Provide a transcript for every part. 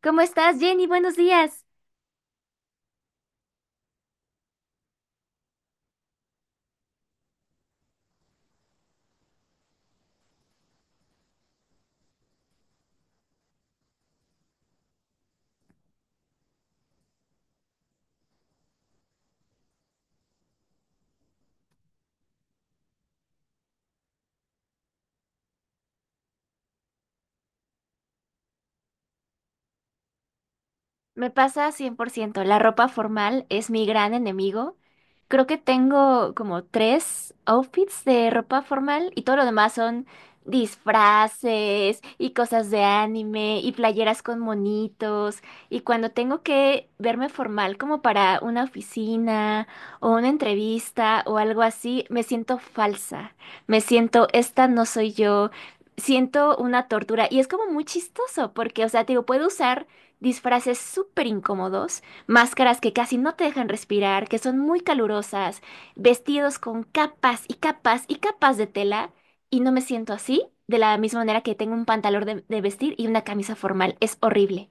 ¿Cómo estás, Jenny? Buenos días. Me pasa 100%. La ropa formal es mi gran enemigo. Creo que tengo como tres outfits de ropa formal y todo lo demás son disfraces y cosas de anime y playeras con monitos. Y cuando tengo que verme formal como para una oficina o una entrevista o algo así, me siento falsa. Me siento, esta no soy yo. Siento una tortura y es como muy chistoso porque, o sea, te digo, puedo usar disfraces súper incómodos, máscaras que casi no te dejan respirar, que son muy calurosas, vestidos con capas y capas y capas de tela, y no me siento así, de la misma manera que tengo un pantalón de vestir y una camisa formal. Es horrible.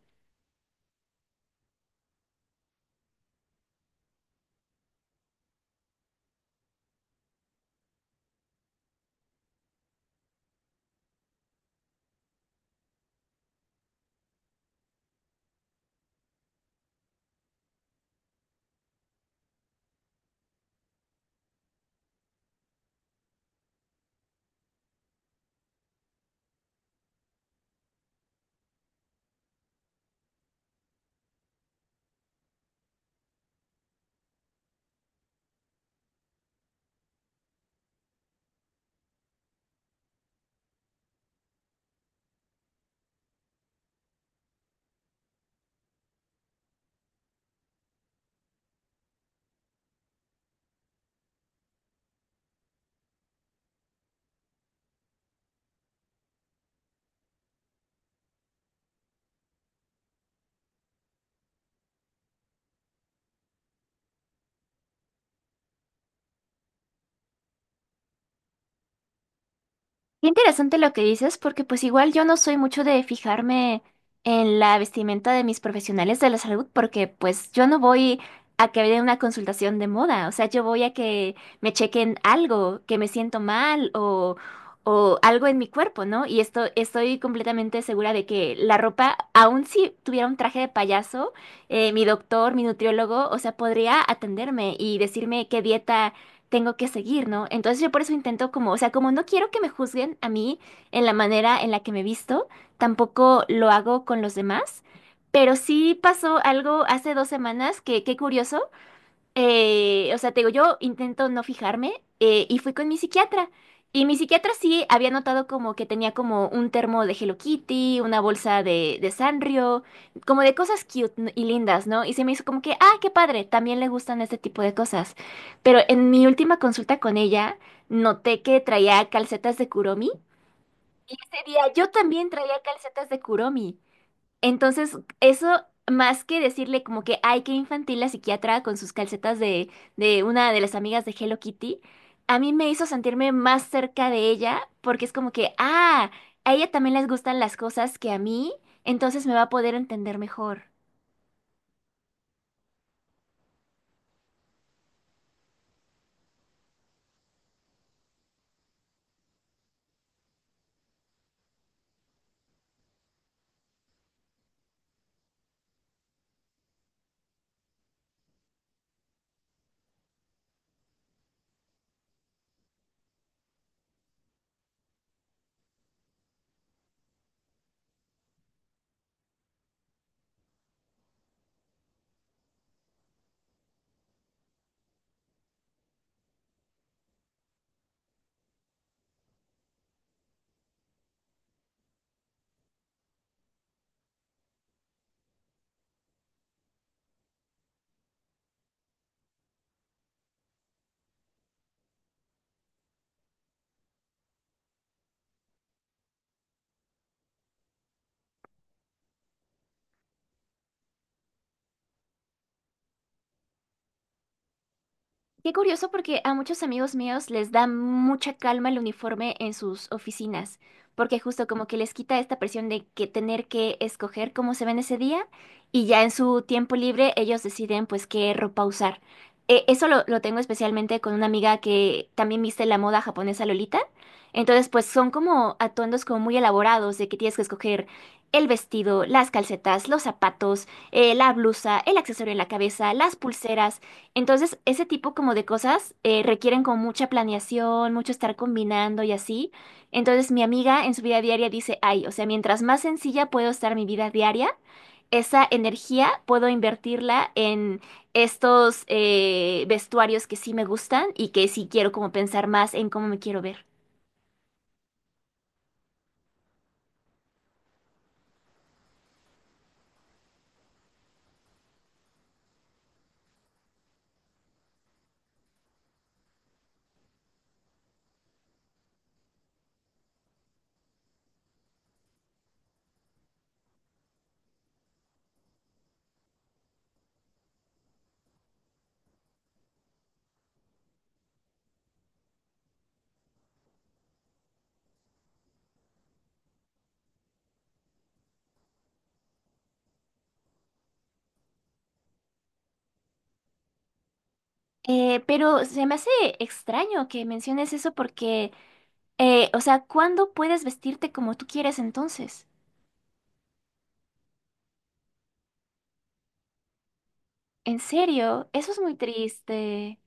Qué interesante lo que dices, porque pues igual yo no soy mucho de fijarme en la vestimenta de mis profesionales de la salud, porque pues yo no voy a que me den una consultación de moda, o sea, yo voy a que me chequen algo, que me siento mal o algo en mi cuerpo, ¿no? Y esto, estoy completamente segura de que la ropa, aun si tuviera un traje de payaso, mi doctor, mi nutriólogo, o sea, podría atenderme y decirme qué dieta tengo que seguir, ¿no? Entonces yo por eso intento como, o sea, como no quiero que me juzguen a mí en la manera en la que me visto, tampoco lo hago con los demás. Pero sí pasó algo hace dos semanas que, qué curioso, o sea, te digo, yo intento no fijarme y fui con mi psiquiatra. Y mi psiquiatra sí había notado como que tenía como un termo de Hello Kitty, una bolsa de Sanrio, como de cosas cute y lindas, ¿no? Y se me hizo como que, ah, qué padre, también le gustan este tipo de cosas. Pero en mi última consulta con ella, noté que traía calcetas de Kuromi. Y ese día yo también traía calcetas de Kuromi. Entonces, eso más que decirle como que, ay, qué infantil la psiquiatra con sus calcetas de una de las amigas de Hello Kitty, a mí me hizo sentirme más cerca de ella porque es como que, ah, a ella también les gustan las cosas que a mí, entonces me va a poder entender mejor. Qué curioso porque a muchos amigos míos les da mucha calma el uniforme en sus oficinas, porque justo como que les quita esta presión de que tener que escoger cómo se ven ese día y ya en su tiempo libre ellos deciden pues qué ropa usar. Eso lo tengo especialmente con una amiga que también viste la moda japonesa Lolita. Entonces pues son como atuendos como muy elaborados de que tienes que escoger el vestido, las calcetas, los zapatos, la blusa, el accesorio en la cabeza, las pulseras. Entonces, ese tipo como de cosas requieren como mucha planeación, mucho estar combinando y así. Entonces, mi amiga en su vida diaria dice, ay, o sea, mientras más sencilla puedo estar mi vida diaria, esa energía puedo invertirla en estos vestuarios que sí me gustan y que sí quiero como pensar más en cómo me quiero ver. Pero se me hace extraño que menciones eso porque, o sea, ¿cuándo puedes vestirte como tú quieres entonces? En serio, eso es muy triste.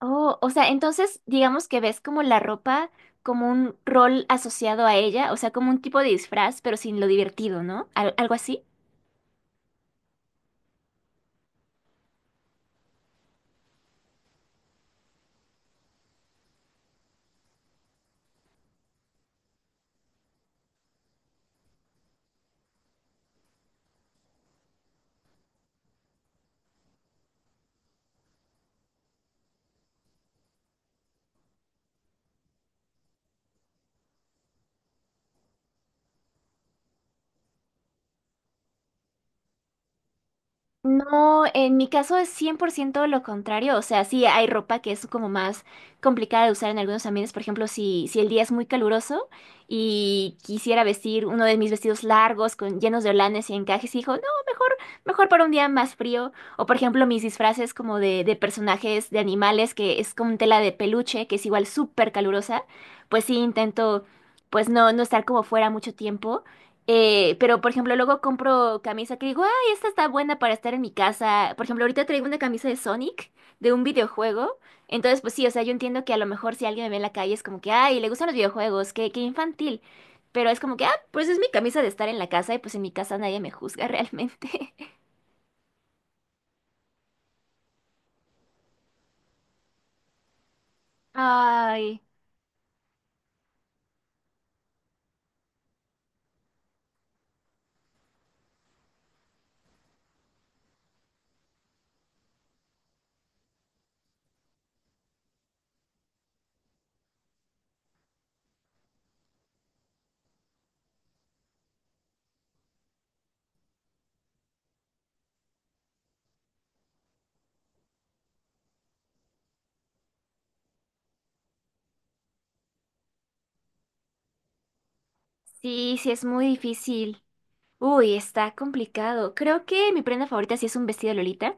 Oh, o sea, entonces digamos que ves como la ropa como un rol asociado a ella, o sea, como un tipo de disfraz, pero sin lo divertido, ¿no? Algo así. No, en mi caso es 100% lo contrario, o sea, sí hay ropa que es como más complicada de usar en algunos ambientes, por ejemplo, si el día es muy caluroso y quisiera vestir uno de mis vestidos largos con llenos de holanes y encajes, y digo, no, mejor, mejor para un día más frío, o por ejemplo mis disfraces como de personajes de animales, que es con tela de peluche, que es igual súper calurosa, pues sí intento, pues no, no estar como fuera mucho tiempo. Pero, por ejemplo, luego compro camisa que digo, "Ah, esta está buena para estar en mi casa". Por ejemplo, ahorita traigo una camisa de Sonic, de un videojuego. Entonces, pues sí, o sea, yo entiendo que a lo mejor si alguien me ve en la calle es como que, ay, le gustan los videojuegos, qué, qué infantil. Pero es como que, ah, pues es mi camisa de estar en la casa y pues en mi casa nadie me juzga realmente. Ay, sí, sí, es muy difícil. Uy, está complicado. Creo que mi prenda favorita sí es un vestido Lolita.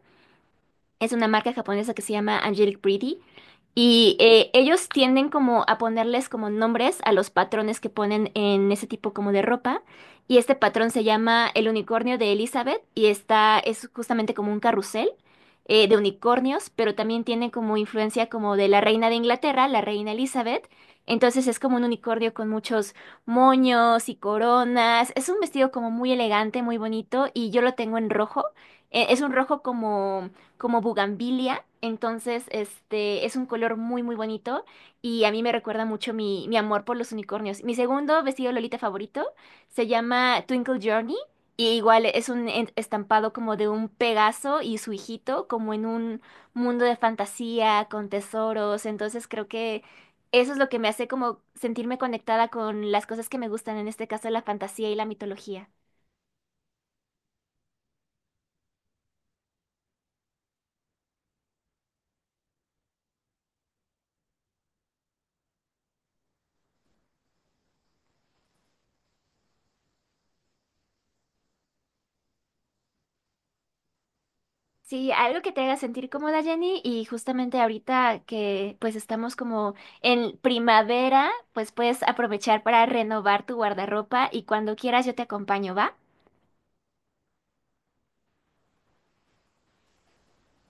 Es una marca japonesa que se llama Angelic Pretty. Y ellos tienden como a ponerles como nombres a los patrones que ponen en ese tipo como de ropa. Y este patrón se llama el unicornio de Elizabeth y está, es justamente como un carrusel de unicornios, pero también tiene como influencia como de la reina de Inglaterra, la reina Elizabeth. Entonces es como un unicornio con muchos moños y coronas. Es un vestido como muy elegante, muy bonito y yo lo tengo en rojo. Es un rojo como como bugambilia. Entonces, este es un color muy, muy bonito y a mí me recuerda mucho mi amor por los unicornios. Mi segundo vestido Lolita favorito se llama Twinkle Journey y igual es un estampado como de un Pegaso y su hijito, como en un mundo de fantasía con tesoros. Entonces, creo que eso es lo que me hace como sentirme conectada con las cosas que me gustan, en este caso la fantasía y la mitología. Sí, algo que te haga sentir cómoda, Jenny, y justamente ahorita que pues estamos como en primavera, pues puedes aprovechar para renovar tu guardarropa y cuando quieras yo te acompaño, ¿va?